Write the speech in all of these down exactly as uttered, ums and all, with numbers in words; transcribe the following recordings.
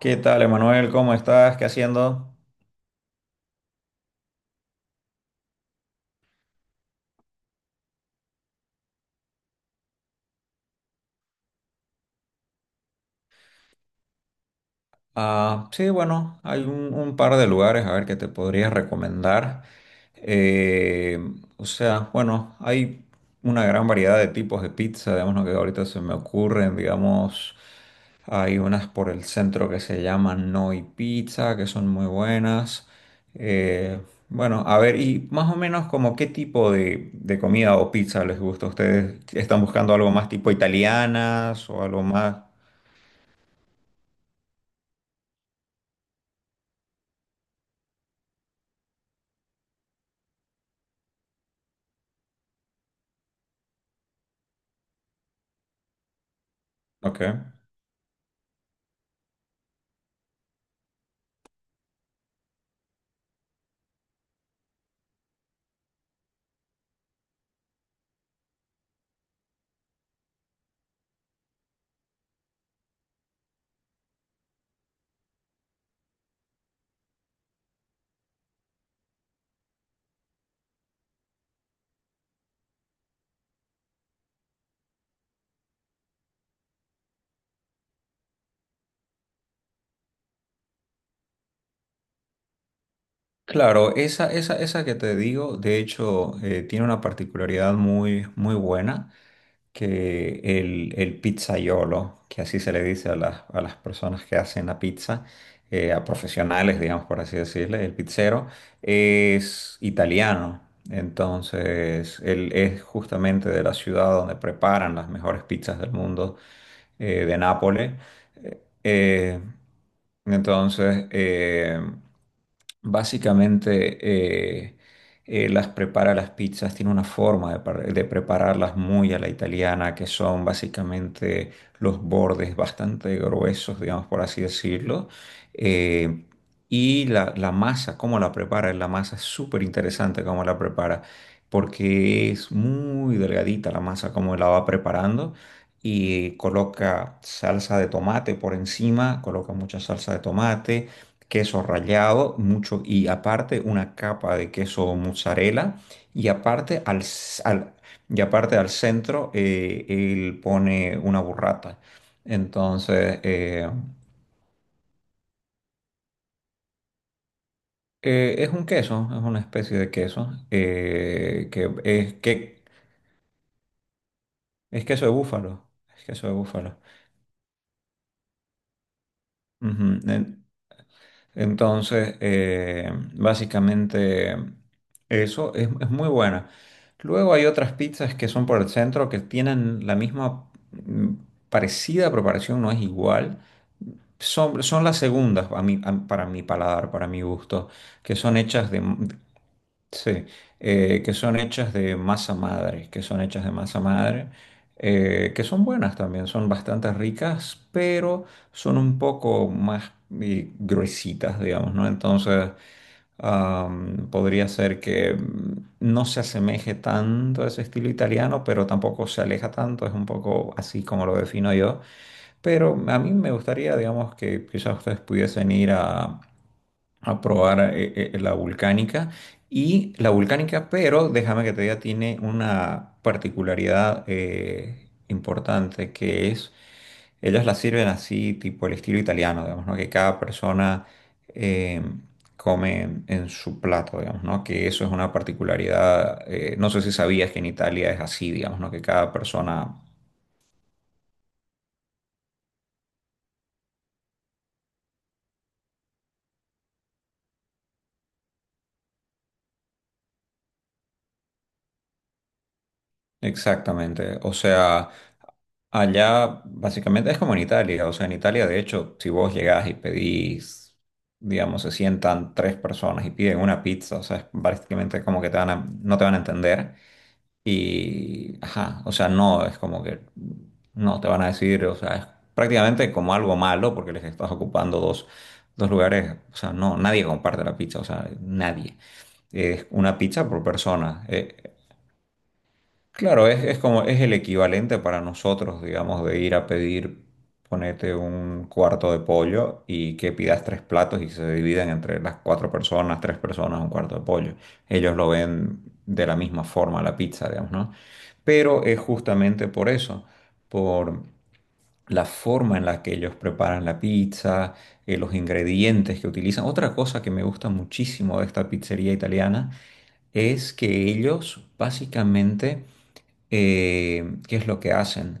¿Qué tal, Emanuel? ¿Cómo estás? ¿Qué haciendo? Ah, sí, bueno, hay un, un par de lugares a ver que te podría recomendar. Eh, o sea, bueno, hay una gran variedad de tipos de pizza, digamos, lo que ahorita se me ocurren, digamos, hay unas por el centro que se llaman Noi Pizza, que son muy buenas. Eh, bueno, a ver, y más o menos como qué tipo de, de comida o pizza les gusta a ustedes. ¿Están buscando algo más tipo italianas o algo más? Ok. Claro, esa, esa, esa que te digo, de hecho, eh, tiene una particularidad muy, muy buena. Que el, el pizzaiolo, que así se le dice a las, a las personas que hacen la pizza, eh, a profesionales, digamos, por así decirle, el pizzero, es italiano. Entonces, él es justamente de la ciudad donde preparan las mejores pizzas del mundo, eh, de Nápoles. Eh, eh, entonces, eh, básicamente... eh, eh, las prepara las pizzas, tiene una forma de, par- de prepararlas muy a la italiana, que son básicamente los bordes bastante gruesos, digamos por así decirlo. Eh, y la, la masa, cómo la prepara, la masa es súper interesante cómo la prepara, porque es muy delgadita la masa, cómo la va preparando. Y coloca salsa de tomate por encima, coloca mucha salsa de tomate, queso rallado, mucho, y aparte una capa de queso mozzarella, y aparte al, s- al- y aparte al centro, eh, él pone una burrata. Entonces, eh, eh, es un queso, es una especie de queso, eh, que, es, que es queso de búfalo, es queso de búfalo. Ujú, en- Entonces, eh, básicamente eso es, es muy buena. Luego hay otras pizzas que son por el centro que tienen la misma mm, parecida preparación, no es igual. Son, son las segundas a mi- a- para mi paladar, para mi gusto, que son hechas de, sí, eh, que son hechas de masa madre, que son hechas de masa madre, eh, que son buenas también, son bastante ricas, pero son un poco más eh, gruesitas, digamos, ¿no? Entonces, am, podría ser que mm, no se asemeje tanto a ese estilo italiano, pero tampoco se aleja tanto, es un poco así como lo defino yo. Pero a mí me gustaría, digamos, que quizás ustedes pudiesen ir a a probar eh, eh, eh, la volcánica. Y la volcánica, pero déjame que te diga, tiene una particularidad eh, importante que es, ellas la sirven así, tipo el estilo italiano, digamos, ¿no? Que cada persona eh, come en en su plato, digamos, ¿no? Que eso es una particularidad, eh, no sé si sabías que en Italia es así, digamos, ¿no? Que cada persona, exactamente, o sea... Allá básicamente es como en Italia, o sea, en Italia de hecho, si vos llegás y pedís, digamos, se sientan tres personas y piden una pizza, o sea, es básicamente como que te van a- no te van a entender y, ajá, o sea, no, es como que no te van a decir, o sea, es prácticamente como algo malo porque les estás ocupando dos, dos lugares, o sea, no, nadie comparte la pizza, o sea, nadie. Es una pizza por persona. eh, Claro, es, es como es el equivalente para nosotros, digamos, de ir a pedir, ponete un cuarto de pollo y que pidas tres platos y se dividan entre las cuatro personas, tres personas, un cuarto de pollo. Ellos lo ven de la misma forma la pizza, digamos, ¿no? Pero es justamente por eso, por la forma en la que ellos preparan la pizza, eh, los ingredientes que utilizan. Otra cosa que me gusta muchísimo de esta pizzería italiana es que ellos básicamente, eh, ¿qué es lo que hacen?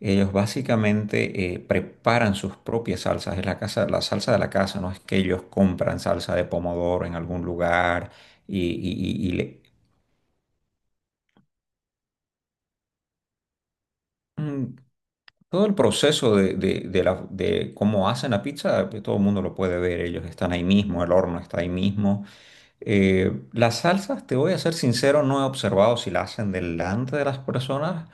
Ellos básicamente eh, preparan sus propias salsas, es la casa, la salsa de la casa, no es que ellos compran salsa de pomodoro en algún lugar y, y- y- y le... Mm, todo el proceso de, de- de la- de cómo hacen la pizza, pues, todo el mundo lo puede ver, ellos están ahí mismo, el horno está ahí mismo. Eh, las salsas, te voy a ser sincero, no he observado si la hacen delante de las personas,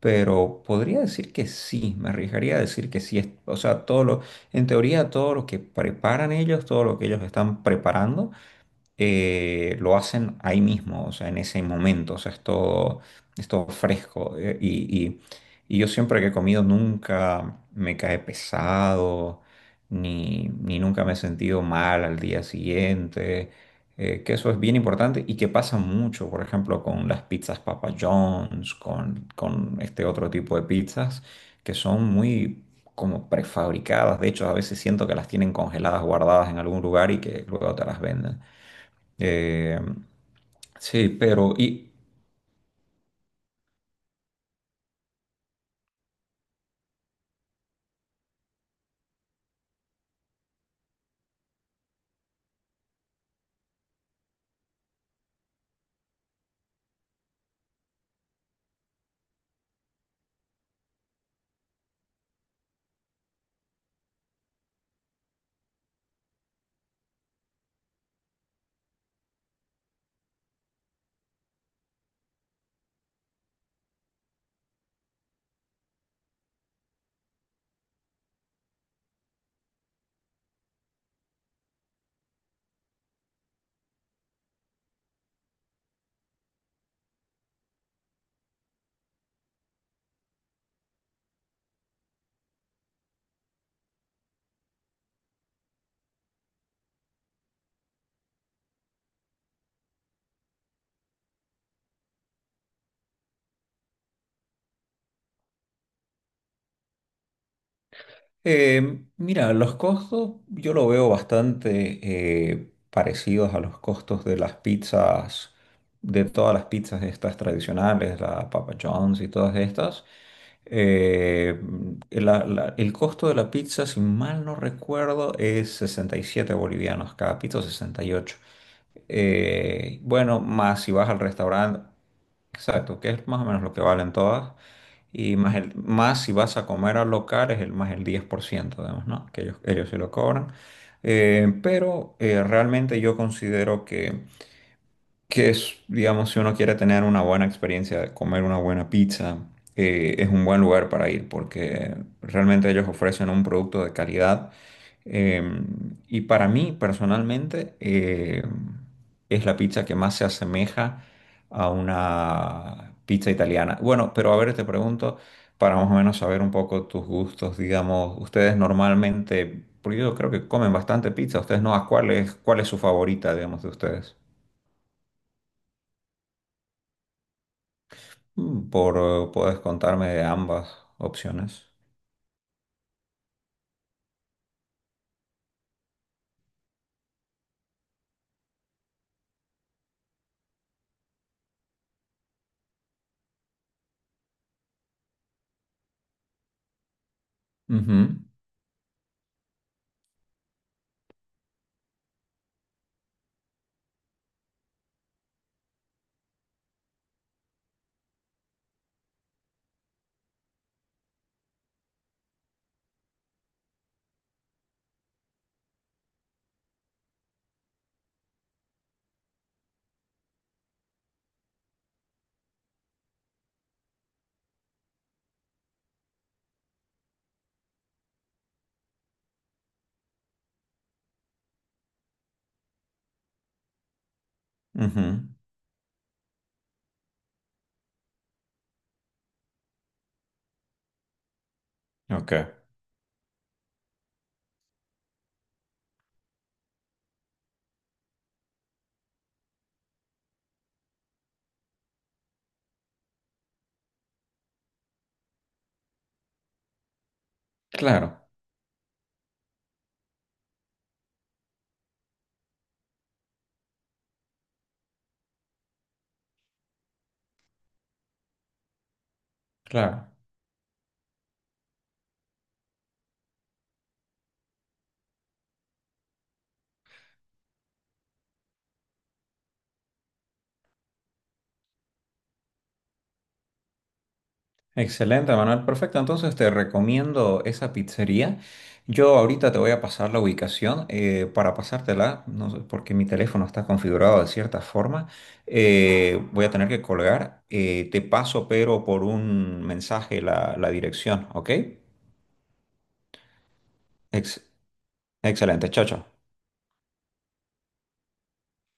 pero podría decir que sí, me arriesgaría a decir que sí. Es- O sea, todo lo, en teoría, todo lo que preparan ellos, todo lo que ellos están preparando eh, lo hacen ahí mismo, o sea, en ese momento, o sea, es todo, es todo fresco. Eh, y, y- y yo siempre que he comido nunca me cae pesado, ni, ni nunca me he sentido mal al día siguiente, eh, que eso es bien importante y que pasa mucho, por ejemplo, con las pizzas Papa John's, con, con este otro tipo de pizzas que son muy... como prefabricadas, de hecho a veces siento que las tienen congeladas, guardadas en algún lugar y que luego te las venden. Eh, sí, pero y eh, mira, los costos yo lo veo bastante eh, parecidos a los costos de las pizzas, de todas las pizzas estas tradicionales, la Papa John's y todas estas. Eh, la- la- el costo de la pizza, si mal no recuerdo, es sesenta y siete bolivianos cada pizza, o sesenta y ocho. Eh, bueno, más si vas al restaurante. Exacto, que es más o menos lo que valen todas. Y más, el, más si vas a comer al local es el más el diez por ciento, además, ¿no? Que ellos, ellos se lo cobran. Eh, pero eh, realmente yo considero que que es, digamos, si uno quiere tener una buena experiencia de comer una buena pizza, eh, es un buen lugar para ir porque realmente ellos ofrecen un producto de calidad. Eh, y para mí, personalmente, eh, es la pizza que más se asemeja a una pizza italiana. Bueno, pero a ver, te pregunto, para más o menos saber un poco tus gustos, digamos, ustedes normalmente, porque yo creo que comen bastante pizza, ustedes no, ¿a cuál es, cuál es su favorita, digamos, de ustedes? Mm, Por, eh, puedes contarme de ambas opciones. Ujú, ujú, ok. Claro, claro. Excelente, Manuel. Perfecto. Entonces te recomiendo esa pizzería. Yo ahorita te voy a pasar la ubicación eh, para pasártela, no sé, porque mi teléfono está configurado de cierta forma. Eh, voy a tener que colgar. Eh, te paso, pero por un mensaje la, la dirección, ¿ok? Ex- Excelente. Chao, chao.